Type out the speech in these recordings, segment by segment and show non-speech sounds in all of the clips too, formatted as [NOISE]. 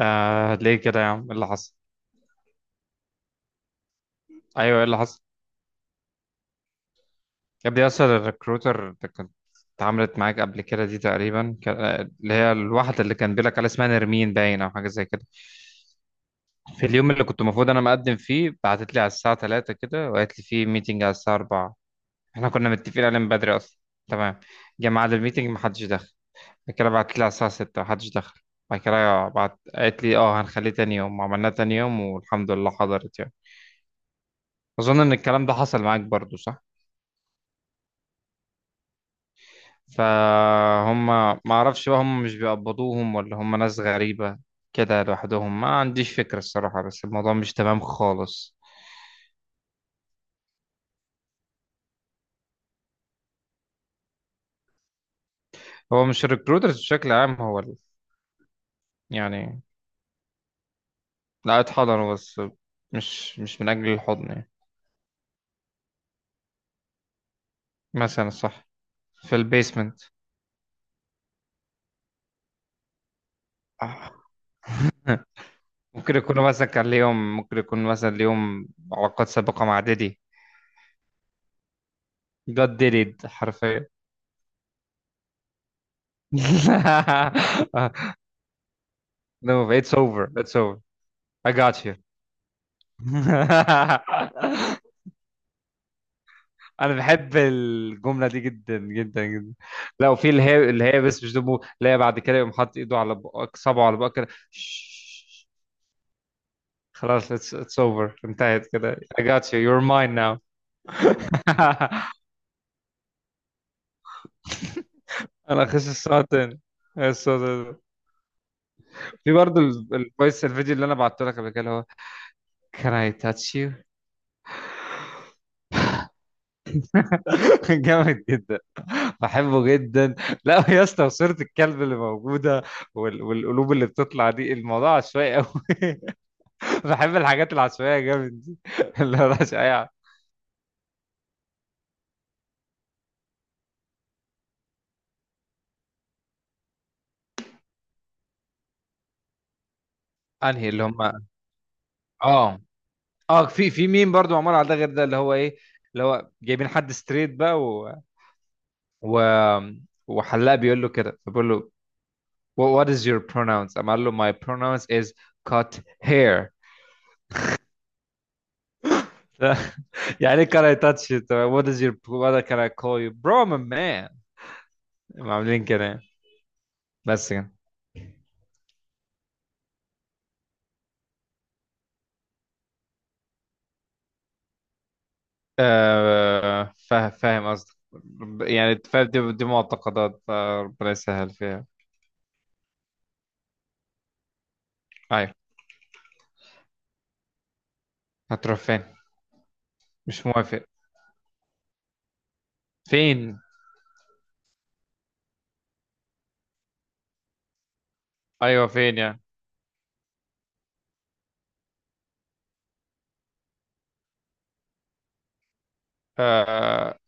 آه، ليه كده يا عم؟ ايه اللي حصل؟ ايوه، ايه اللي حصل؟ يا ابني اصل الريكروتر اللي كنت اتعاملت معاك قبل كده دي تقريبا اللي هي الواحده اللي كان بيقولك على اسمها نرمين باين او حاجه زي كده. في اليوم اللي كنت المفروض انا مقدم فيه بعتت لي على الساعه 3 كده، وقالت لي في ميتنج على الساعه 4. احنا كنا متفقين عليه من بدري اصلا. تمام. جه ميعاد الميتنج محدش دخل، بعد كده بعتت لي على الساعه 6 محدش دخل. بعد كده بعت قالت لي اه هنخليه تاني يوم، عملناه تاني يوم والحمد لله حضرت يعني. اظن ان الكلام ده حصل معاك برضو، صح؟ فهم، ما اعرفش بقى هم مش بيقبضوهم، ولا هم ناس غريبة كده لوحدهم؟ ما عنديش فكرة الصراحة، بس الموضوع مش تمام خالص. هو مش الريكروترز بشكل عام، هو يعني. لا اتحضنوا، بس مش من أجل الحضن يعني. مثلا، صح. في البيسمنت. آه. [LAUGHS] ممكن يكونوا مثلا كان ليهم، ممكن يكون مثلا ليهم علاقات سابقة مع ديدي. God did it حرفيا. [LAUGHS] No, it's over. I got you. [LAUGHS] انا بحب الجمله دي جدا جدا جدا. لا، وفي اللي هي بس مش دمه، اللي هي بعد كده يقوم حاطط ايده على بقك، صبعه على بقك كده، [LAUGHS] شش. خلاص، it's over، انتهت كده. I got you, you're mine now. [LAUGHS] انا اخش الساعه تاني. الساعة تاني. في برضه الفيديو اللي انا بعته لك قبل كده اللي هو can I touch you. [LAUGHS] جامد جدا، بحبه جدا. لا يا اسطى، صورة الكلب اللي موجودة والقلوب اللي بتطلع دي، الموضوع عشوائي قوي. [LAUGHS] بحب الحاجات العشوائية جامد دي، [LAUGHS] اللي هو العشوائية. انهي؟ اللي هم اه اه في ميم برضو معمول على ده، غير ده اللي هو ايه، اللي هو جايبين حد ستريت بقى و... وحلاق بيقول له كده، فبيقول له what is your pronouns؟ قام قال له my pronouns is cut hair. [LAUGHS] يعني ايه كان اي تاتش، وات از يور، وات كان اي كول يو، برو، مان مان. عاملين كده يعني. بس كده. آه، فاهم قصدك. يعني فاهم، دي معتقدات، ربنا يسهل فيها. ايوه. هتروح فين؟ مش موافق. فين؟ ايوه فين يعني؟ آه.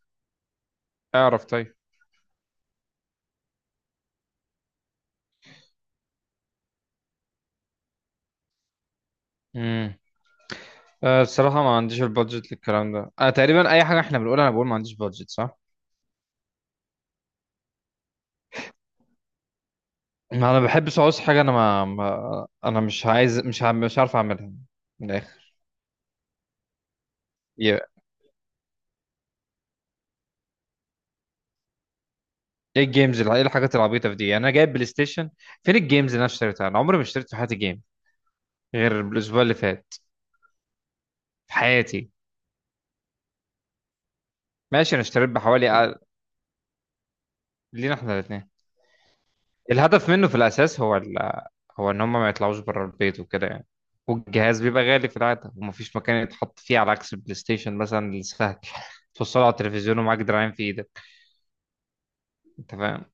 اعرف طيب. امم. آه، الصراحه ما عنديش البادجت للكلام ده، تقريبا اي حاجه احنا بنقولها انا بقول ما عنديش بادجت، صح؟ ما انا بحبش اعوز حاجه، انا ما انا مش عايز، مش عارف اعملها من الاخر. Yeah. ايه الجيمز ايه الحاجات العبيطه في دي يعني؟ انا جايب بلاي ستيشن، فين الجيمز اللي انا اشتريتها؟ انا عمري ما اشتريت في حياتي جيم غير الاسبوع اللي فات. في حياتي. ماشي، انا اشتريت بحوالي أقل- لينا احنا الاثنين. الهدف منه في الاساس هو. هو ان هم ما يطلعوش بره البيت وكده يعني، والجهاز بيبقى غالي في العاده ومفيش مكان يتحط فيه، على عكس البلاي ستيشن مثلا، السهل. [LAUGHS] توصله على التلفزيون ومعاك دراعين في ايدك، انت فاهم؟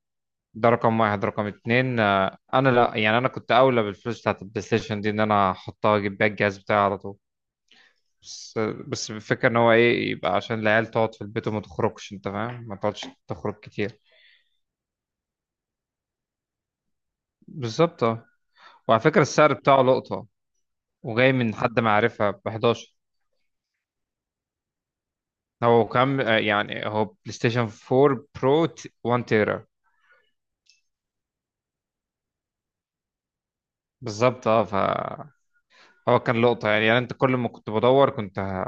ده رقم واحد. رقم اتنين، انا لا يعني، انا كنت اولى بالفلوس بتاعت البلاي ستيشن دي ان انا احطها اجيب بيها الجهاز بتاعي على طول. بس بس الفكرة ان هو ايه، يبقى عشان العيال تقعد في البيت وما تخرجش، انت فاهم؟ ما تقعدش تخرج كتير. بالظبط، اه. وعلى فكرة السعر بتاعه لقطة، وجاي من حد معرفة ب 11. هو كام؟ يعني هو بلاي ستيشن 4 برو، 1 تيرا. بالظبط اه، فهو كان لقطة يعني. انت كل ما كنت بدور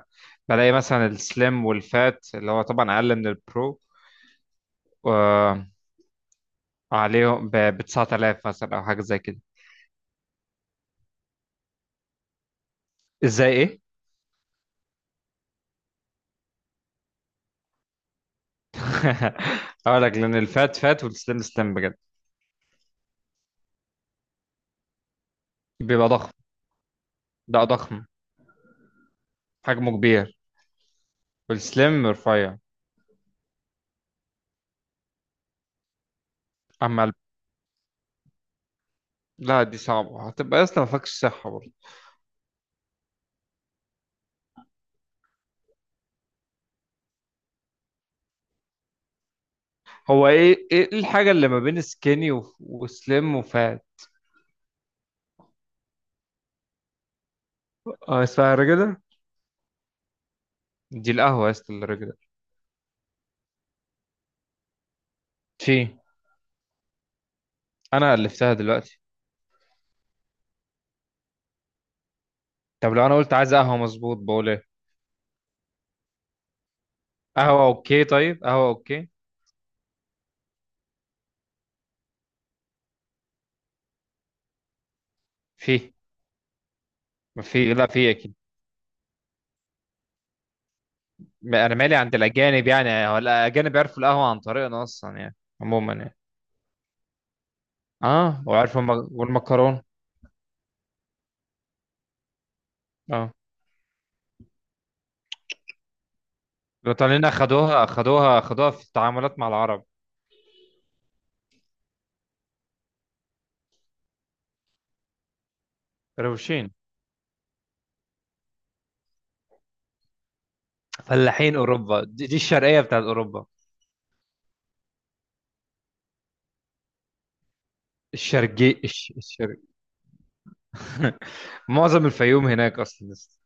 بلاقي مثلا السليم والفات، اللي هو طبعا اقل من البرو، آه، عليهم ب 9000 مثلا او حاجة زي كده. ازاي ايه؟ [LAUGHS] هقول لك لان الفات فات والسليم سليم بجد. بيبقى ضخم، ده ضخم، حجمه كبير. والسليم رفيع. اما. لا دي صعبه، هتبقى اصلا ما فيكش صحه برضه. هو ايه الحاجه اللي ما بين سكيني وسليم وفات؟ اه اسمها الرجله. دي القهوه يا اسطى، الرجله. في. انا الفتها دلوقتي. طب لو انا قلت عايز قهوه مظبوط بقول ايه؟ قهوه اوكي، طيب قهوه اوكي. في، ما في، لا في اكيد. انا مالي عند الاجانب يعني؟ هو الاجانب يعرفوا القهوه عن طريقنا اصلا يعني عموما يعني. اه، وعارف والمكرونه. اه، الايطاليين اخدوها اخدوها اخدوها في التعاملات مع العرب. روشين. فلاحين اوروبا دي, الشرقيه بتاعت اوروبا. الشرقي الشرق. [LAUGHS] معظم الفيوم هناك اصلا لسه.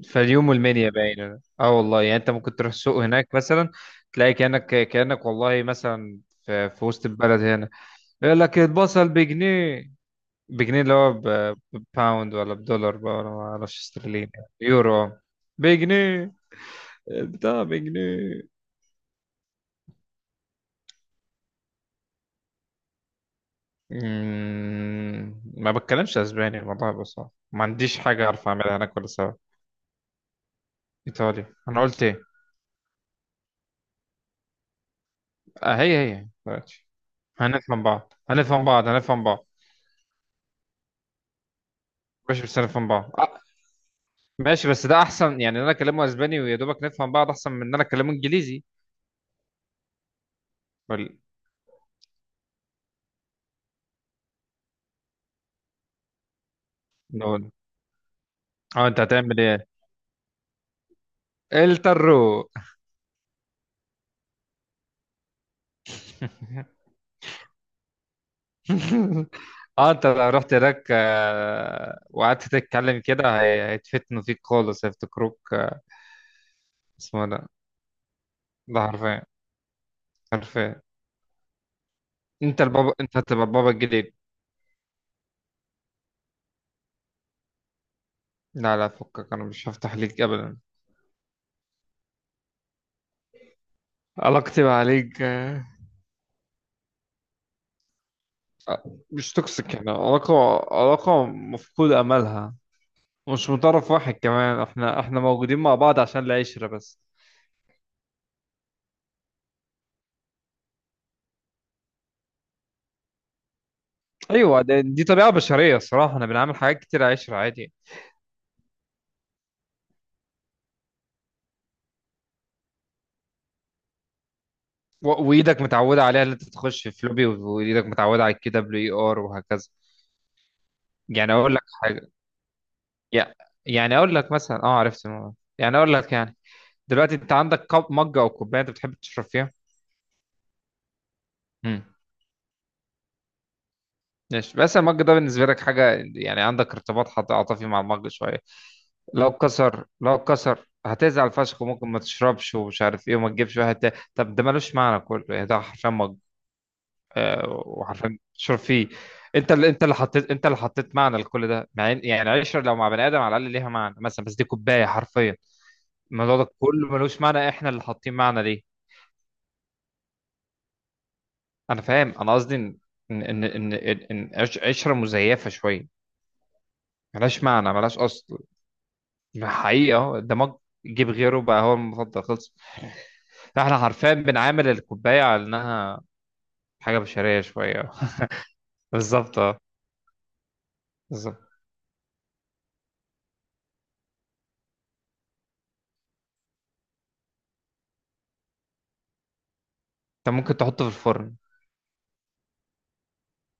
الفيوم والمنيا باين، اه والله يعني، انت ممكن تروح السوق هناك مثلا تلاقي كانك والله مثلا في وسط البلد هنا. يقول لك البصل بجنيه، بجنيه اللي هو بباوند، ولا بدولار بقى، ولا ما اعرفش، استرليني؟ يورو. بجنيه. بتاع بجنيه. ما بتكلمش اسباني، الموضوع بس صعب. ما عنديش حاجه اعرف اعملها هناك ولا سوا. ايطالي؟ انا قلت ايه؟ آه، هي دلوقتي هنفهم بعض هنفهم بعض هنفهم بعض. ماشي بس هنفهم بعض، آه. ماشي بس ده احسن يعني، إن انا اكلمه اسباني ويا دوبك نفهم بعض، احسن من ان انا اكلمه انجليزي. ولا. نقول اه. انت هتعمل ايه؟ الترو. [LAUGHS] [LAUGHS] اه انت لو رحت هناك، وقعدت تتكلم كده، هيتفتنوا فيك خالص، هيفتكروك اسمه ده. ده حرفيا. حرفيا. انت البابا، انت هتبقى البابا الجديد. لا لا، فكك، انا مش هفتح ليك ابدا. علاقتي معاك مش توكسيك يعني، علاقة، علاقة مفقود املها. مش من طرف واحد كمان، احنا موجودين مع بعض عشان العشرة بس. ايوه، دي طبيعة بشرية الصراحة، احنا بنعمل حاجات كتير عشرة عادي يعني. وايدك متعوده عليها، اللي انت تخش في فلوبي وايدك متعوده على الكي دبليو اي ار وهكذا. يعني اقول لك حاجه، يع- يعني اقول لك مثلا، اه عرفت الموضوع، يعني اقول لك يعني: دلوقتي انت عندك كوب، مج، او كوبايه، انت بتحب تشرب فيها. امم. ماشي، بس المج ده بالنسبه لك حاجه يعني، عندك ارتباط عاطفي مع المج شويه. لو اتكسر هتزعل فشخ، وممكن ما تشربش ومش عارف ايه وما تجيبش واحد تاني. طب ده ملوش معنى كله يعني، ده حرفيا مج. آه، وعارفين تشرب فيه. انت اللي حطيت معنى لكل ده، مع يعني عشرة لو مع بني ادم على الاقل ليها معنى مثلا، بس دي كوبايه حرفيا. الموضوع ده كله ملوش معنى، احنا اللي حاطين معنى ليه. انا فاهم، انا قصدي ان ان ان ان إن عش- عشره مزيفه شويه، ملهاش معنى ملهاش اصل. حقيقه أهو، الدماغ. جيب غيره بقى، هو المفضل خلص. فاحنا حرفيا بنعامل الكوبايه على انها حاجه بشريه شويه. [LAUGHS] بالظبط اه. بالظبط، انت ممكن تحطه في الفرن.